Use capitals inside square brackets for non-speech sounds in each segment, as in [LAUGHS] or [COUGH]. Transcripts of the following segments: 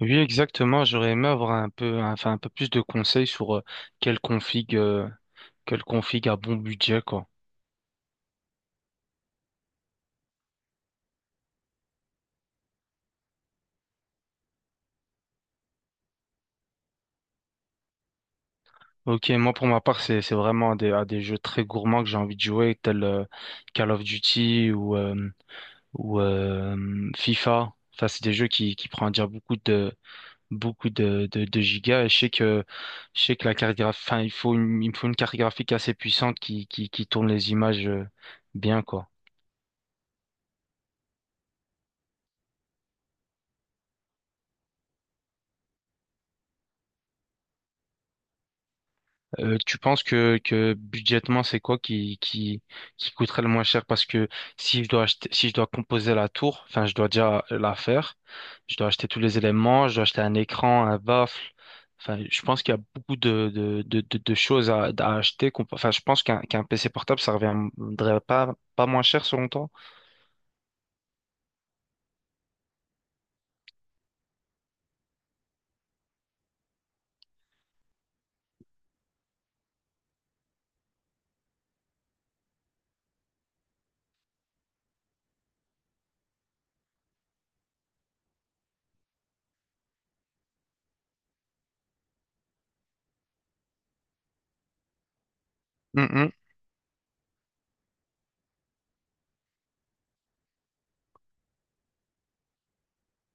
Oui, exactement. J'aurais aimé avoir un peu, enfin, un peu plus de conseils sur quelle config, euh, quelle config à bon budget, quoi. Ok, moi pour ma part, c'est vraiment à des jeux très gourmands que j'ai envie de jouer, tels Call of Duty ou FIFA. Enfin, c'est des jeux qui prennent à dire beaucoup de gigas. Et je sais que la carte graphique, enfin, il me faut une carte graphique assez puissante qui tourne les images bien, quoi. Tu penses que budgétement, c'est quoi qui coûterait le moins cher? Parce que si je dois composer la tour, enfin, je dois déjà la faire, je dois acheter tous les éléments, je dois acheter un écran, un baffle. Enfin, je pense qu'il y a beaucoup de choses à acheter. Enfin, je pense qu'un PC portable, ça reviendrait pas moins cher selon toi. Mhm.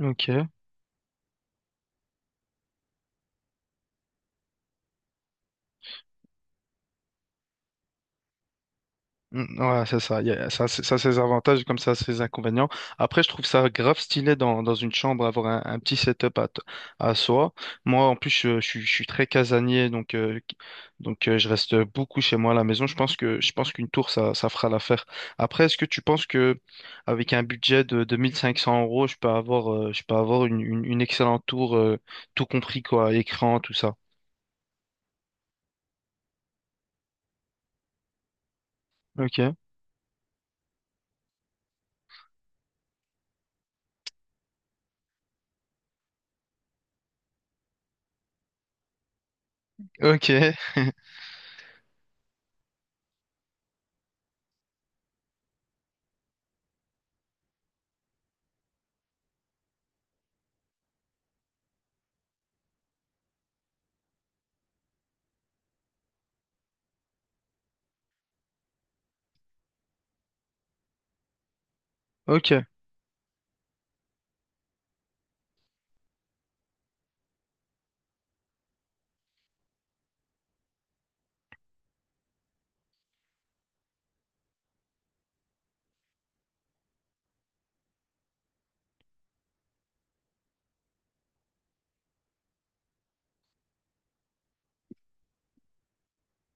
Ok. Mm, ouais, c'est ça. Ça, c'est ses avantages, comme ça, c'est ses inconvénients. Après, je trouve ça grave stylé dans une chambre, avoir un petit setup à soi. Moi, en plus, je suis très casanier, donc, je reste beaucoup chez moi à la maison. Je pense qu'une tour, ça fera l'affaire. Après, est-ce que tu penses que avec un budget de 1500 euros, je peux avoir une excellente tour, tout compris, quoi, écran, tout ça? Ok. Ok. [LAUGHS] Ok.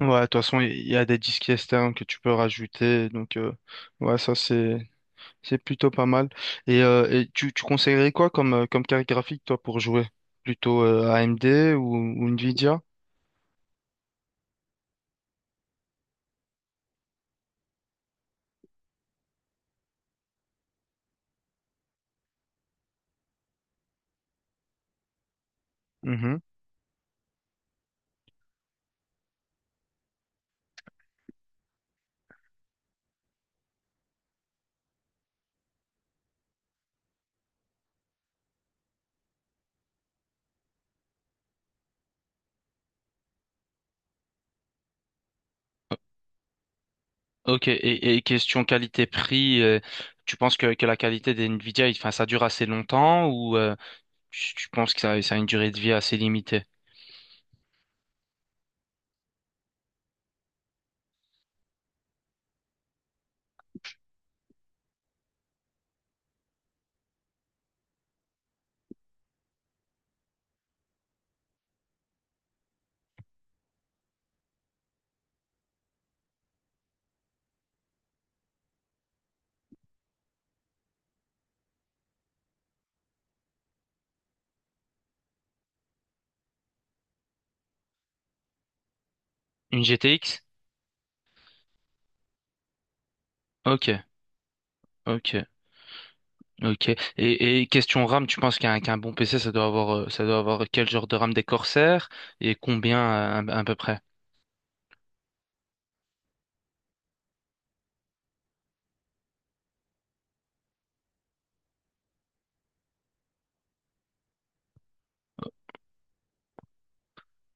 Ouais, de toute façon, il y a des disques externes que tu peux rajouter. Donc, ouais, ça, c'est plutôt pas mal. Et, tu conseillerais quoi comme carte graphique, toi, pour jouer? Plutôt AMD ou Nvidia? Mhm. Ok, et question qualité-prix, tu penses que la qualité des Nvidia, enfin, ça dure assez longtemps ou tu penses que ça a une durée de vie assez limitée? Une GTX? Ok, ok. Ok. Et question RAM, tu penses qu'un bon PC, ça doit avoir quel genre de RAM, des Corsair, et combien à peu près?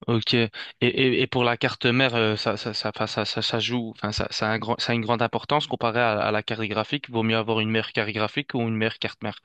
Ok. Et pour la carte mère, enfin, ça a une grande importance comparé à la carte graphique. Vaut mieux avoir une meilleure carte graphique ou une meilleure carte mère.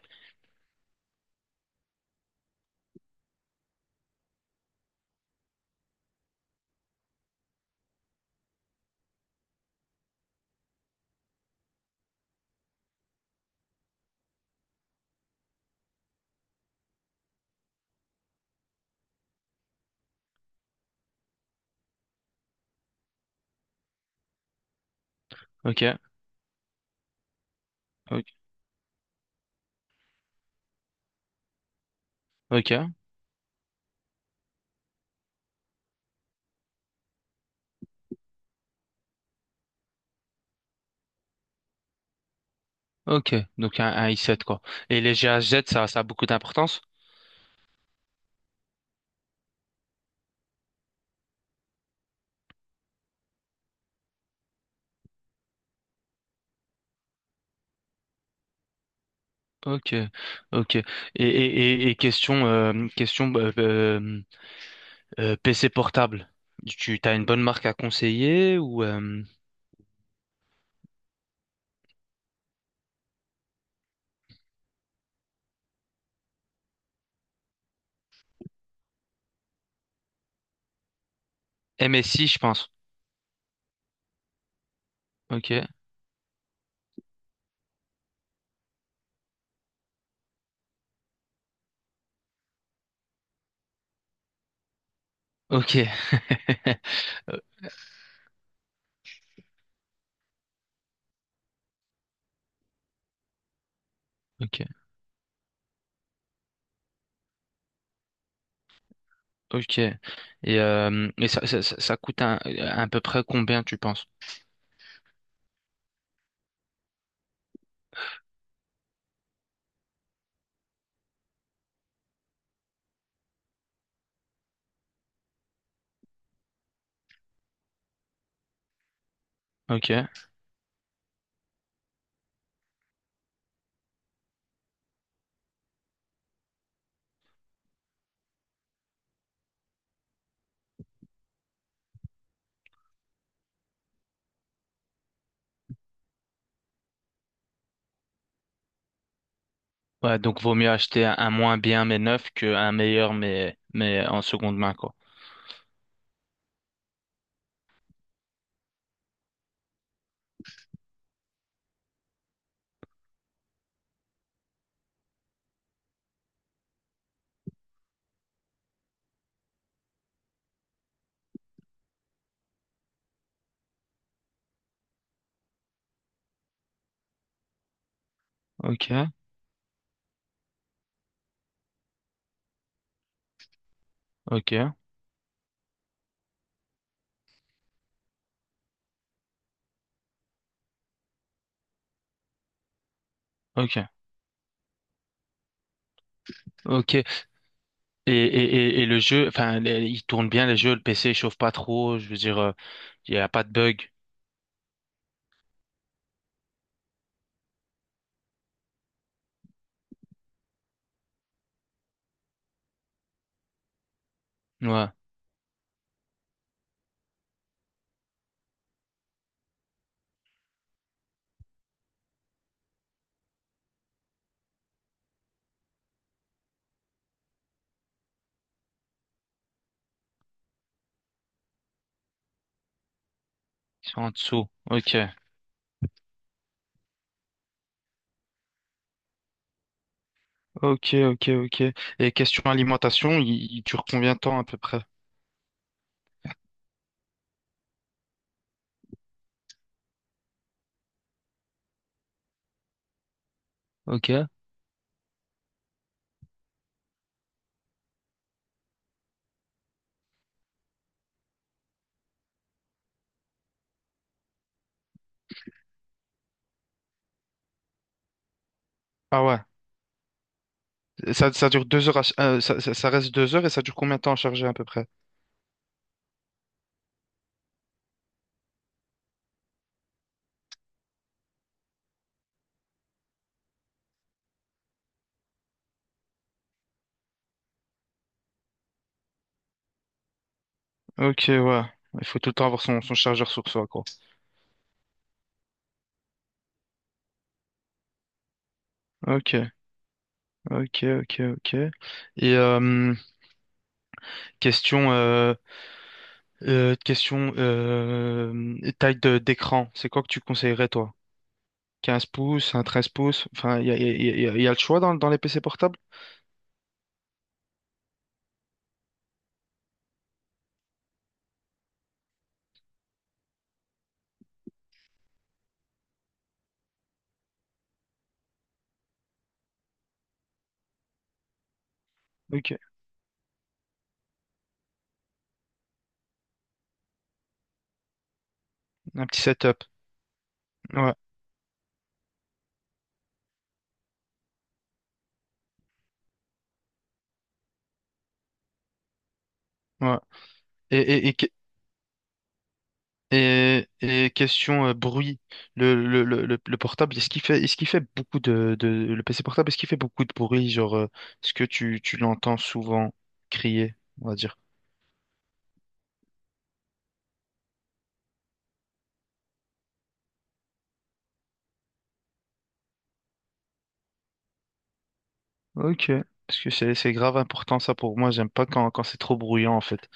Ok. Ok. Ok. Ok. Donc un i7 quoi. Et les GHz, ça a beaucoup d'importance? Ok. Ok. Et question. Bah, bah, PC portable, tu as une bonne marque à conseiller ou MSI, je pense. Ok, ok, [LAUGHS] euh, ok, ok. Et ça coûte à peu près combien, tu penses? Ok. Ouais, donc vaut mieux acheter un moins bien mais neuf qu'un meilleur mais en seconde main, quoi. Ok, ok, ok, ok. Et le jeu, enfin, les- il tourne bien les jeux, le PC il chauffe pas trop, je veux dire, il y a pas de bug. Ouais, ils sont en dessous. Ok. Ok, ok, ok. Et question alimentation, il dure combien de temps à peu près? Ok. Ah ouais, ça dure 2 heures, à ch- ça, ça- ça reste 2 heures, et ça dure combien de temps à charger à peu près? Ok, ouais. Il faut tout le temps avoir son chargeur sur soi, quoi. Ok, ok, ok, ok. Et question, euh, question taille de d'écran, c'est quoi que tu conseillerais, toi? 15 pouces, un 13 pouces, enfin, il y a le choix dans les PC portables? Ok, un petit setup. Ouais, ouais. Et, et, et et question bruit, le portable, est-ce qu'il fait le PC portable, est-ce qu'il fait beaucoup de bruit, genre, est-ce que tu l'entends souvent crier, on va dire? Ok, parce que c'est grave important ça pour moi, j'aime pas quand c'est trop bruyant en fait.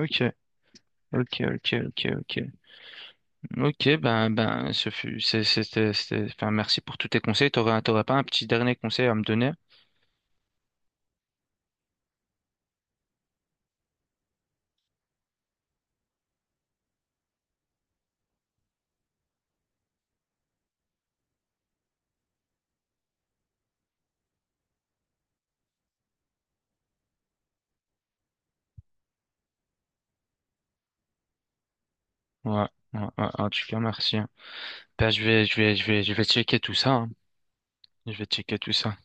Ok, ok, ok, ok, ok. Ok, ben, ben, ce fut, c'est- c'était, c'était, enfin, merci pour tous tes conseils, t'aurais pas un petit dernier conseil à me donner? Ouais, ouais, ouais, en tout cas, merci, hein. Ben, je vais checker tout ça, hein. Je vais checker tout ça.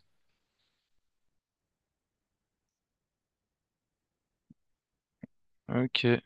Ok.